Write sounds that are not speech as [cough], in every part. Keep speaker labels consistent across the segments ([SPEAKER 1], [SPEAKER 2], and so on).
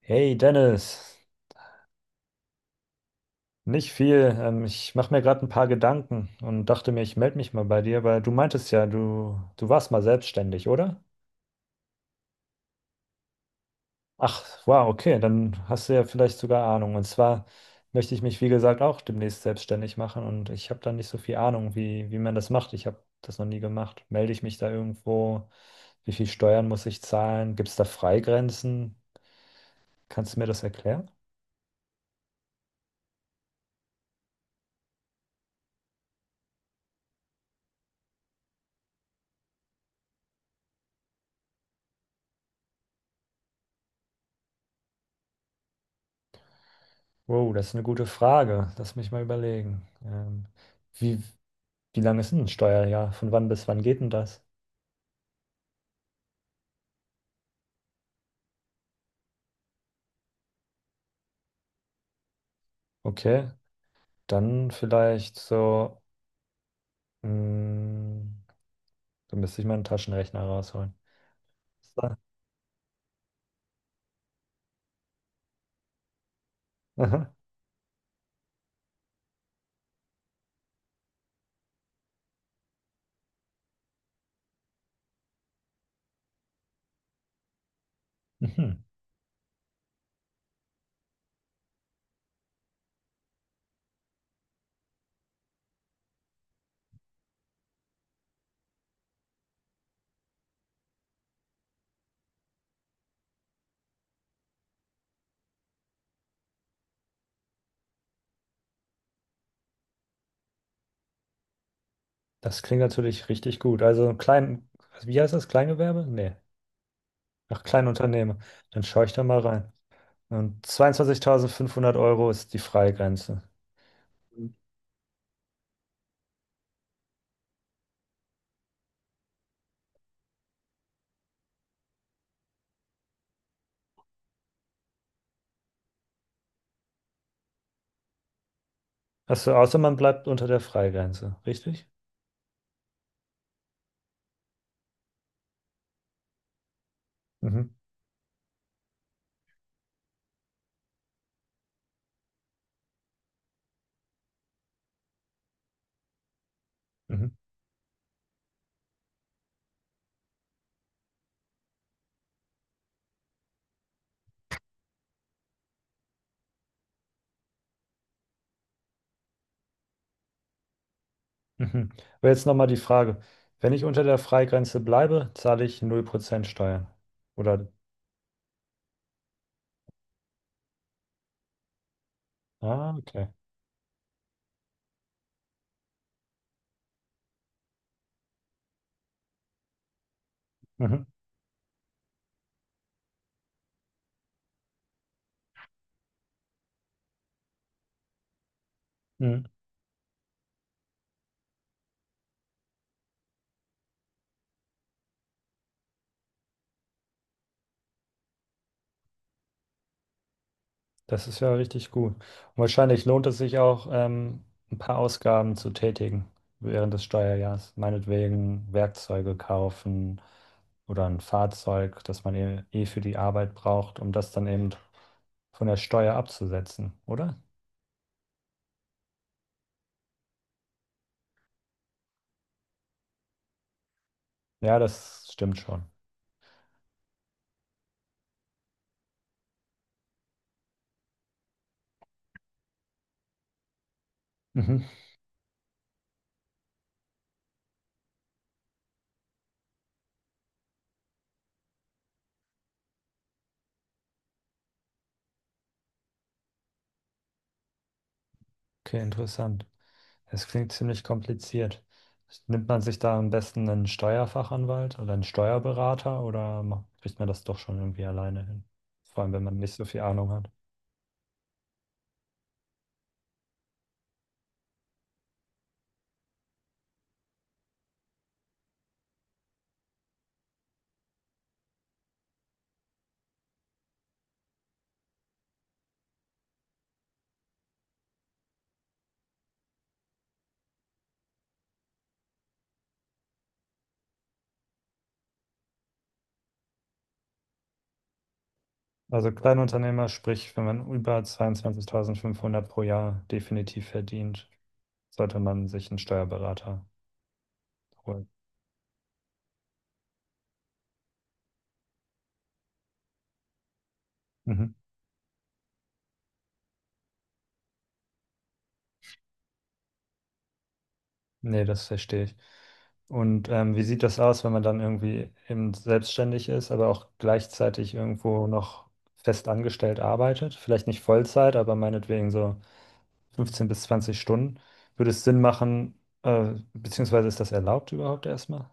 [SPEAKER 1] Hey Dennis, nicht viel. Ich mache mir gerade ein paar Gedanken und dachte mir, ich melde mich mal bei dir, weil du meintest ja, du warst mal selbstständig, oder? Ach, wow, okay, dann hast du ja vielleicht sogar Ahnung. Und zwar möchte ich mich, wie gesagt, auch demnächst selbstständig machen und ich habe da nicht so viel Ahnung, wie man das macht. Ich habe das noch nie gemacht. Melde ich mich da irgendwo? Wie viel Steuern muss ich zahlen? Gibt es da Freigrenzen? Kannst du mir das erklären? Wow, das ist eine gute Frage. Lass mich mal überlegen. Wie, wie lange ist denn ein Steuerjahr? Von wann bis wann geht denn das? Okay, dann vielleicht so, mh, da müsste ich meinen Taschenrechner rausholen. So. [laughs] Aha. Mhm. Das klingt natürlich richtig gut. Also klein, wie heißt das? Kleingewerbe? Nee, ach, Kleinunternehmer. Dann schaue ich da mal rein. Und 22.500 Euro ist die Freigrenze. Achso, außer man bleibt unter der Freigrenze, richtig? Mhm. Mhm. Mhm. Aber jetzt nochmal die Frage. Wenn ich unter der Freigrenze bleibe, zahle ich 0% Steuern. Oder? Ah, okay. Mhm. Mhm. Das ist ja richtig gut. Und wahrscheinlich lohnt es sich auch, ein paar Ausgaben zu tätigen während des Steuerjahres. Meinetwegen Werkzeuge kaufen oder ein Fahrzeug, das man eh für die Arbeit braucht, um das dann eben von der Steuer abzusetzen, oder? Ja, das stimmt schon. Mhm. Okay, interessant. Es klingt ziemlich kompliziert. Nimmt man sich da am besten einen Steuerfachanwalt oder einen Steuerberater oder kriegt man das doch schon irgendwie alleine hin? Vor allem, wenn man nicht so viel Ahnung hat. Also Kleinunternehmer, sprich, wenn man über 22.500 pro Jahr definitiv verdient, sollte man sich einen Steuerberater holen. Mhm. Nee, das verstehe ich. Und wie sieht das aus, wenn man dann irgendwie eben selbstständig ist, aber auch gleichzeitig irgendwo noch fest angestellt arbeitet? Vielleicht nicht Vollzeit, aber meinetwegen so 15 bis 20 Stunden. Würde es Sinn machen, beziehungsweise ist das erlaubt überhaupt erstmal?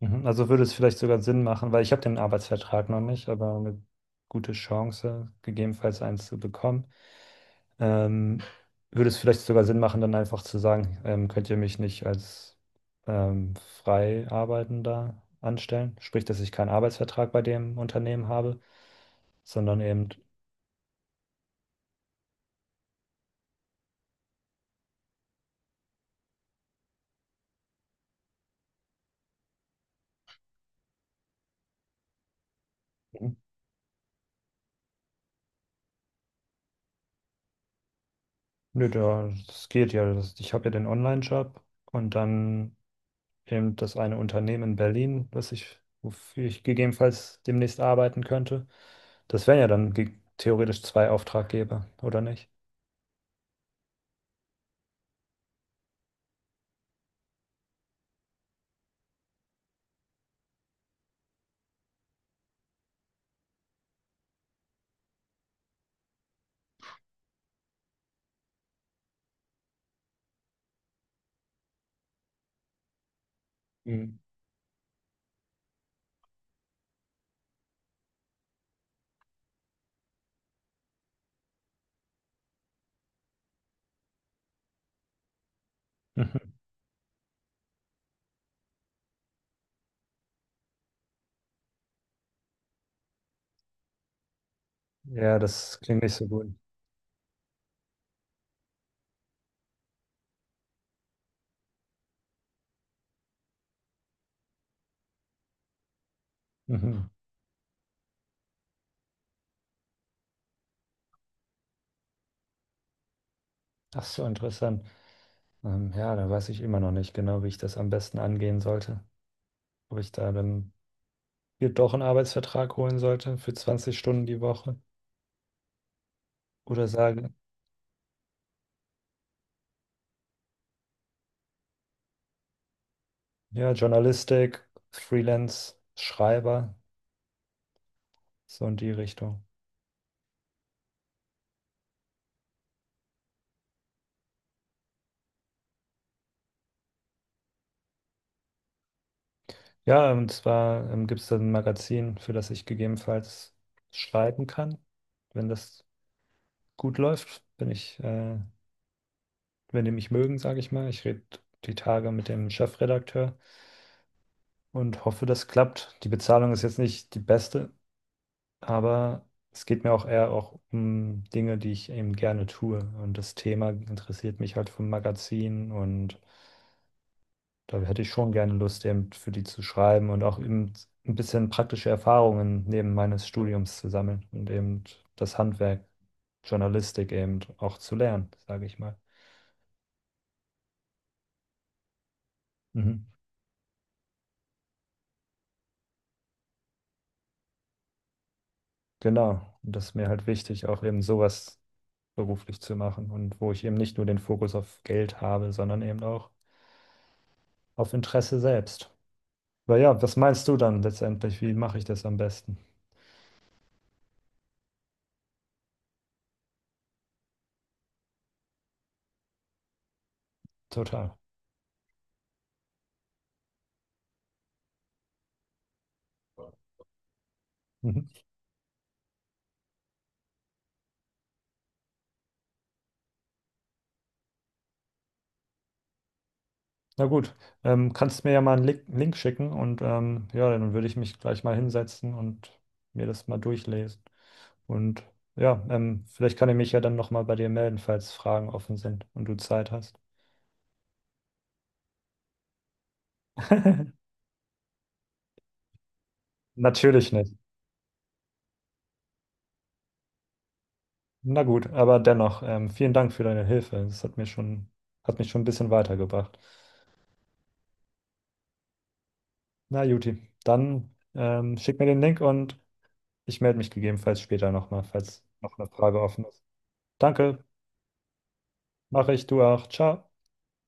[SPEAKER 1] Mhm. Also würde es vielleicht sogar Sinn machen, weil ich habe den Arbeitsvertrag noch nicht, aber eine gute Chance, gegebenenfalls eins zu bekommen. Ähm, würde es vielleicht sogar Sinn machen, dann einfach zu sagen, könnt ihr mich nicht als ähm, Freiarbeitender anstellen? Sprich, dass ich keinen Arbeitsvertrag bei dem Unternehmen habe, sondern eben, nö, da, das geht ja. Das, ich habe ja den Online-Job und dann eben das eine Unternehmen in Berlin, das ich, wofür ich gegebenenfalls demnächst arbeiten könnte. Das wären ja dann theoretisch zwei Auftraggeber, oder nicht? Mhm. [laughs] Mhm. Ja, das klingt nicht so gut. Mhm. Ach so, interessant. Ja, da weiß ich immer noch nicht genau, wie ich das am besten angehen sollte. Ob ich da dann mir doch einen Arbeitsvertrag holen sollte für 20 Stunden die Woche oder sage, ja, Journalistik, Freelance, Schreiber, so in die Richtung. Ja, und zwar gibt es da ein Magazin, für das ich gegebenenfalls schreiben kann, wenn das gut läuft, wenn wenn die mich mögen, sage ich mal. Ich rede die Tage mit dem Chefredakteur und hoffe, das klappt. Die Bezahlung ist jetzt nicht die beste, aber es geht mir auch eher auch um Dinge, die ich eben gerne tue. Und das Thema interessiert mich halt vom Magazin und da hätte ich schon gerne Lust, eben für die zu schreiben und auch eben ein bisschen praktische Erfahrungen neben meines Studiums zu sammeln und eben das Handwerk, Journalistik eben auch zu lernen, sage ich mal. Mhm. Genau. Und das ist mir halt wichtig, auch eben sowas beruflich zu machen und wo ich eben nicht nur den Fokus auf Geld habe, sondern eben auch auf Interesse selbst. Aber ja, was meinst du dann letztendlich? Wie mache ich das am besten? Total. Mhm. Na gut, kannst mir ja mal einen Link schicken und ja, dann würde ich mich gleich mal hinsetzen und mir das mal durchlesen. Und ja, vielleicht kann ich mich ja dann nochmal bei dir melden, falls Fragen offen sind und du Zeit hast. [laughs] Natürlich nicht. Na gut, aber dennoch, vielen Dank für deine Hilfe. Das hat mir schon, hat mich schon ein bisschen weitergebracht. Na, Juti, dann schick mir den Link und ich melde mich gegebenenfalls später nochmal, falls noch eine Frage offen ist. Danke, mache ich, du auch. Ciao.